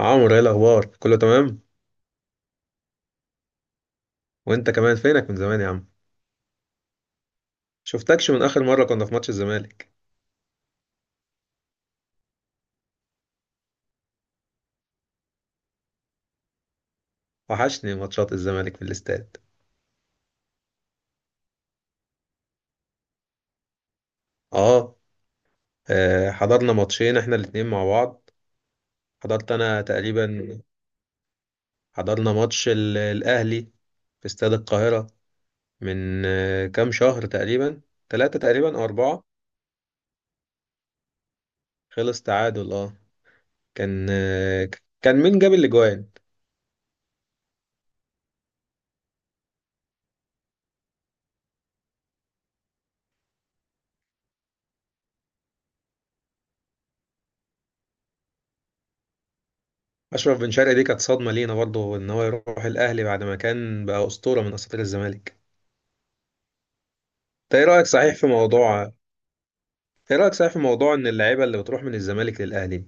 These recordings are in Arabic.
عمرو، ايه الاخبار؟ كله تمام. وانت كمان، فينك من زمان يا عم؟ شفتكش من اخر مره كنا في ماتش الزمالك. وحشني ماتشات الزمالك في الاستاد. اه. حضرنا ماتشين احنا الاتنين مع بعض. حضرت انا تقريبا، حضرنا ماتش الاهلي في استاد القاهره من كام شهر تقريبا، ثلاثة تقريبا او اربعة. خلص تعادل اه. كان آه، كان مين جاب الاجوان؟ اشرف بن شرقي دي كانت صدمه لينا برضه ان هو يروح الاهلي بعد ما كان بقى اسطوره من اساطير الزمالك. ايه رأيك صحيح في موضوع ايه رأيك صحيح في موضوع ان اللعيبة اللي بتروح من الزمالك للأهلي؟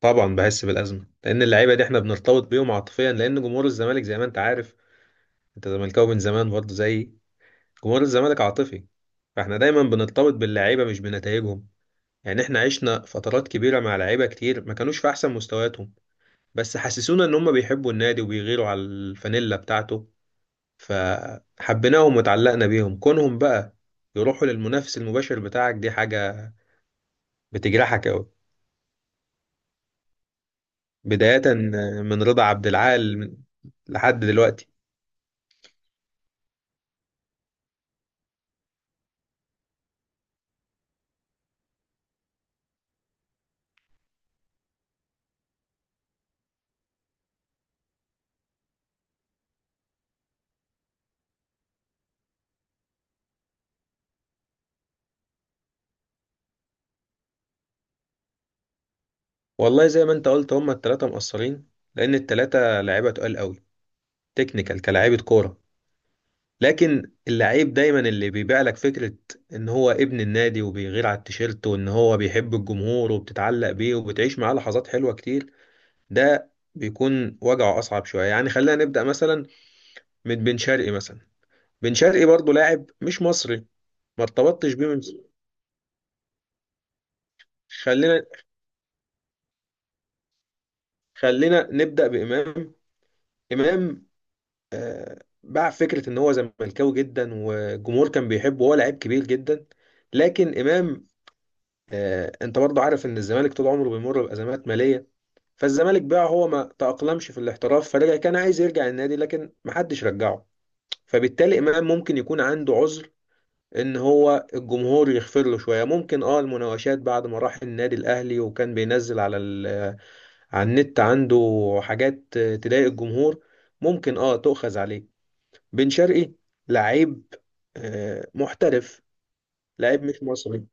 طبعا بحس بالأزمة، لأن اللعيبة دي احنا بنرتبط بيهم عاطفيا. لأن جمهور الزمالك زي ما انت عارف، انت زملكاوي من زمان برضه، زي، جمهور الزمالك عاطفي. فاحنا دايما بنرتبط باللعيبة مش بنتائجهم. يعني احنا عشنا فترات كبيرة مع لعيبة كتير ما كانوش في أحسن مستوياتهم، بس حسسونا ان هم بيحبوا النادي وبيغيروا على الفانيلا بتاعته، فحبيناهم وتعلقنا بيهم. كونهم بقى يروحوا للمنافس المباشر بتاعك، دي حاجة بتجرحك أوي. بداية من رضا عبد العال لحد دلوقتي. والله زي ما انت قلت هما التلاتة مقصرين، لأن التلاتة لعيبة تقال قوي، تكنيكال، كلاعيبة كورة. لكن اللعيب دايما اللي بيبيع لك فكرة ان هو ابن النادي وبيغير على التيشيرت وان هو بيحب الجمهور، وبتتعلق بيه وبتعيش معاه لحظات حلوة كتير، ده بيكون وجعه أصعب شوية. يعني خلينا نبدأ مثلا من بن شرقي مثلا. بن شرقي برضه لاعب مش مصري، ما ارتبطتش بيه من، خلينا خلينا نبدأ بإمام. إمام باع فكرة إن هو زملكاوي جدا والجمهور كان بيحبه وهو لعيب كبير جدا. لكن إمام، أنت برضه عارف إن الزمالك طول عمره بيمر بأزمات مالية، فالزمالك باعه. هو ما تأقلمش في الاحتراف فرجع، كان عايز يرجع النادي لكن محدش رجعه. فبالتالي إمام ممكن يكون عنده عذر، إن هو الجمهور يغفر له شوية. ممكن أه المناوشات بعد ما راح النادي الأهلي وكان بينزل على على النت عنده حاجات تضايق الجمهور ممكن أه تؤخذ عليه. بن شرقي لعيب، محترف، لعيب مش مصري.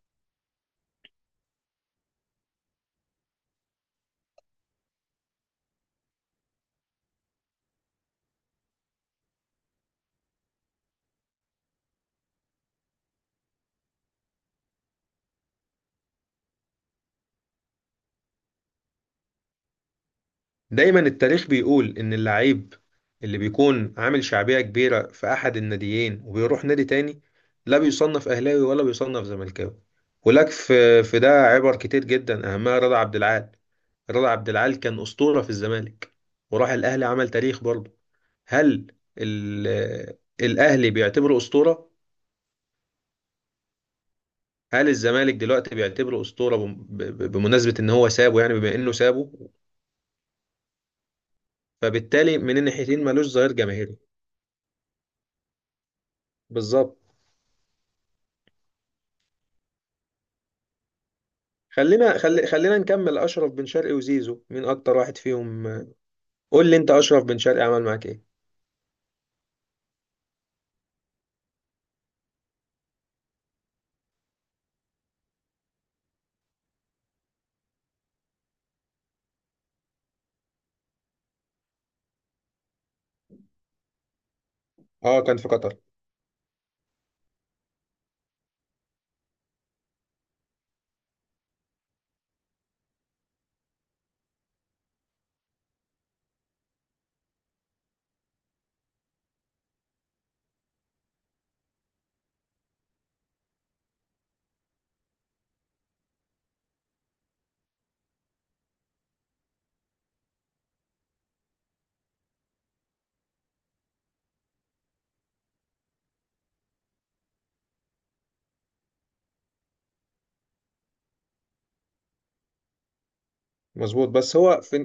دايما التاريخ بيقول ان اللعيب اللي بيكون عامل شعبية كبيرة في احد الناديين وبيروح نادي تاني، لا بيصنف اهلاوي ولا بيصنف زملكاوي. ولك في ده عبر كتير جدا اهمها رضا عبد العال. رضا عبد العال كان اسطورة في الزمالك وراح الاهلي عمل تاريخ برضه. هل الاهلي بيعتبره اسطورة؟ هل الزمالك دلوقتي بيعتبره اسطوره بمناسبه ان هو سابه، يعني بما انه سابه؟ فبالتالي من الناحيتين ملوش ظهير جماهيري. بالظبط. خلينا نكمل. اشرف بن شرقي وزيزو مين اكتر واحد فيهم؟ قول لي انت اشرف بن شرقي عمل معاك ايه. اه كان في قطر. مظبوط بس هو في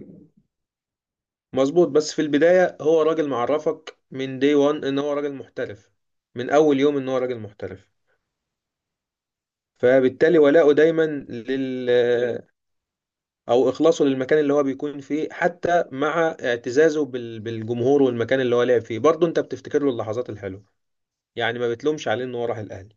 مظبوط بس في البدايه هو راجل معرفك من دي 1 ان هو راجل محترف. من اول يوم ان هو راجل محترف. فبالتالي ولاؤه دايما لل، او اخلاصه للمكان اللي هو بيكون فيه. حتى مع اعتزازه بالجمهور والمكان اللي هو لعب فيه برضه انت بتفتكر له اللحظات الحلوه. يعني ما بتلومش عليه ان هو راح الاهلي.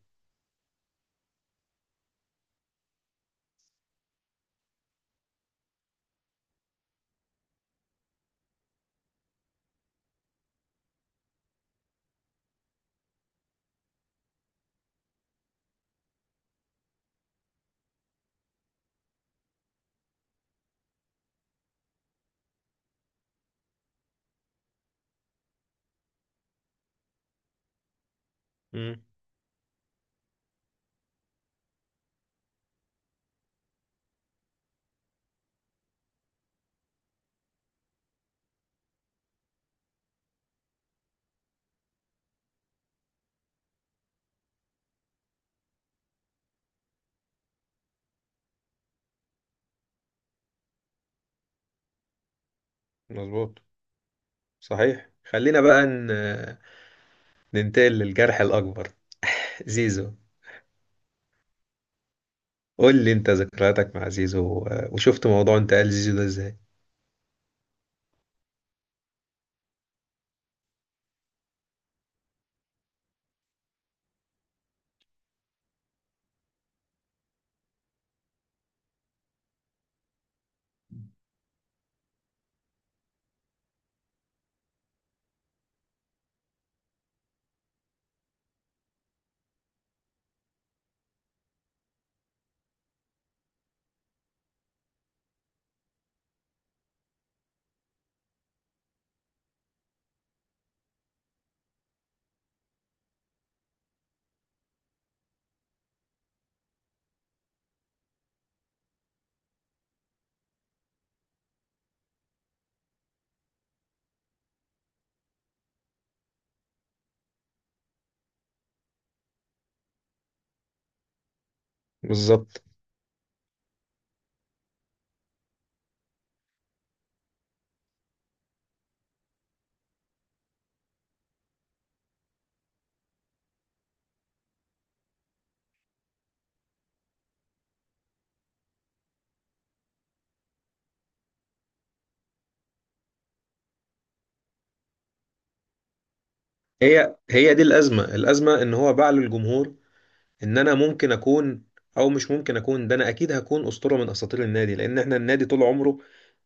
امم مظبوط. صحيح. خلينا بقى ننتقل للجرح الاكبر. زيزو. قول لي انت ذكرياتك مع زيزو وشفت موضوع انتقال زيزو ده ازاي. بالظبط. هي هي دي الازمه. الازمه ان هو باع للجمهور ان انا ممكن اكون، او مش ممكن اكون ده، انا اكيد هكون اسطوره من اساطير النادي. لان احنا النادي طول عمره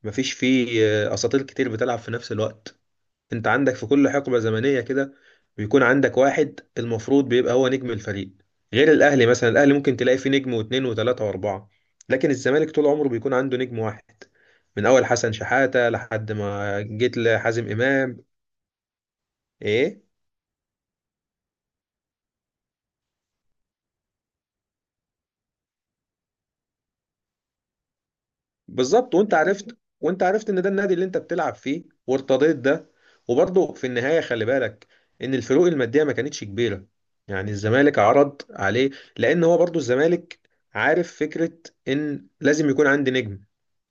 مفيش فيه اساطير كتير بتلعب في نفس الوقت. انت عندك في كل حقبه زمنيه كده بيكون عندك واحد المفروض بيبقى هو نجم الفريق. غير الاهلي مثلا، الاهلي ممكن تلاقي فيه نجم واثنين وثلاثه واربعه. لكن الزمالك طول عمره بيكون عنده نجم واحد، من اول حسن شحاته لحد ما جيت لحازم امام. ايه. بالظبط. وانت عرفت ان ده النادي اللي انت بتلعب فيه وارتضيت ده. وبرضه في النهايه خلي بالك ان الفروق الماديه ما كانتش كبيره. يعني الزمالك عرض عليه. لان هو برضه الزمالك عارف فكره ان لازم يكون عندي نجم،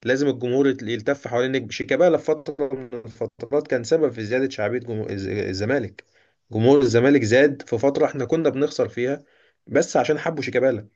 لازم الجمهور يلتف حوالين نجم. شيكابالا في فترة من الفترات كان سبب في زيادة شعبية جمهور الزمالك. جمهور الزمالك زاد في فترة احنا كنا بنخسر فيها بس عشان حبوا شيكابالا.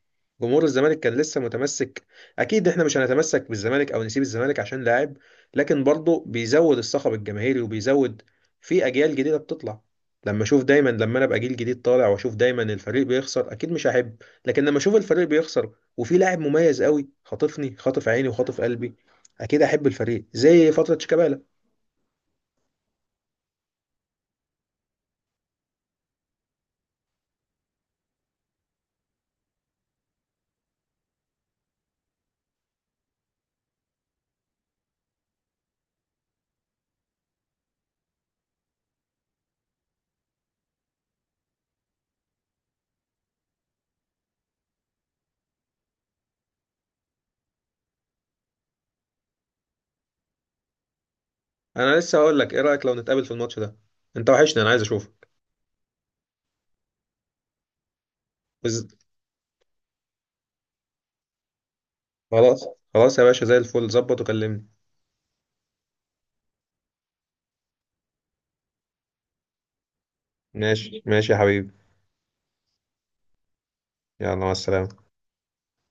جمهور الزمالك كان لسه متمسك. اكيد احنا مش هنتمسك بالزمالك او نسيب الزمالك عشان لاعب، لكن برضه بيزود الصخب الجماهيري وبيزود في اجيال جديدة بتطلع. لما اشوف دايما، لما انا ابقى جيل جديد طالع واشوف دايما الفريق بيخسر اكيد مش هحب. لكن لما اشوف الفريق بيخسر وفي لاعب مميز قوي خاطفني، خاطف عيني وخاطف قلبي، اكيد احب الفريق زي فتره شيكابالا. انا لسه هقول لك ايه رايك لو نتقابل في الماتش ده؟ انت وحشني، انا عايز اشوفك. بز... خلاص. خلاص يا باشا، زي الفل. ظبط وكلمني. ماشي ماشي يا حبيبي. يلا مع السلامه.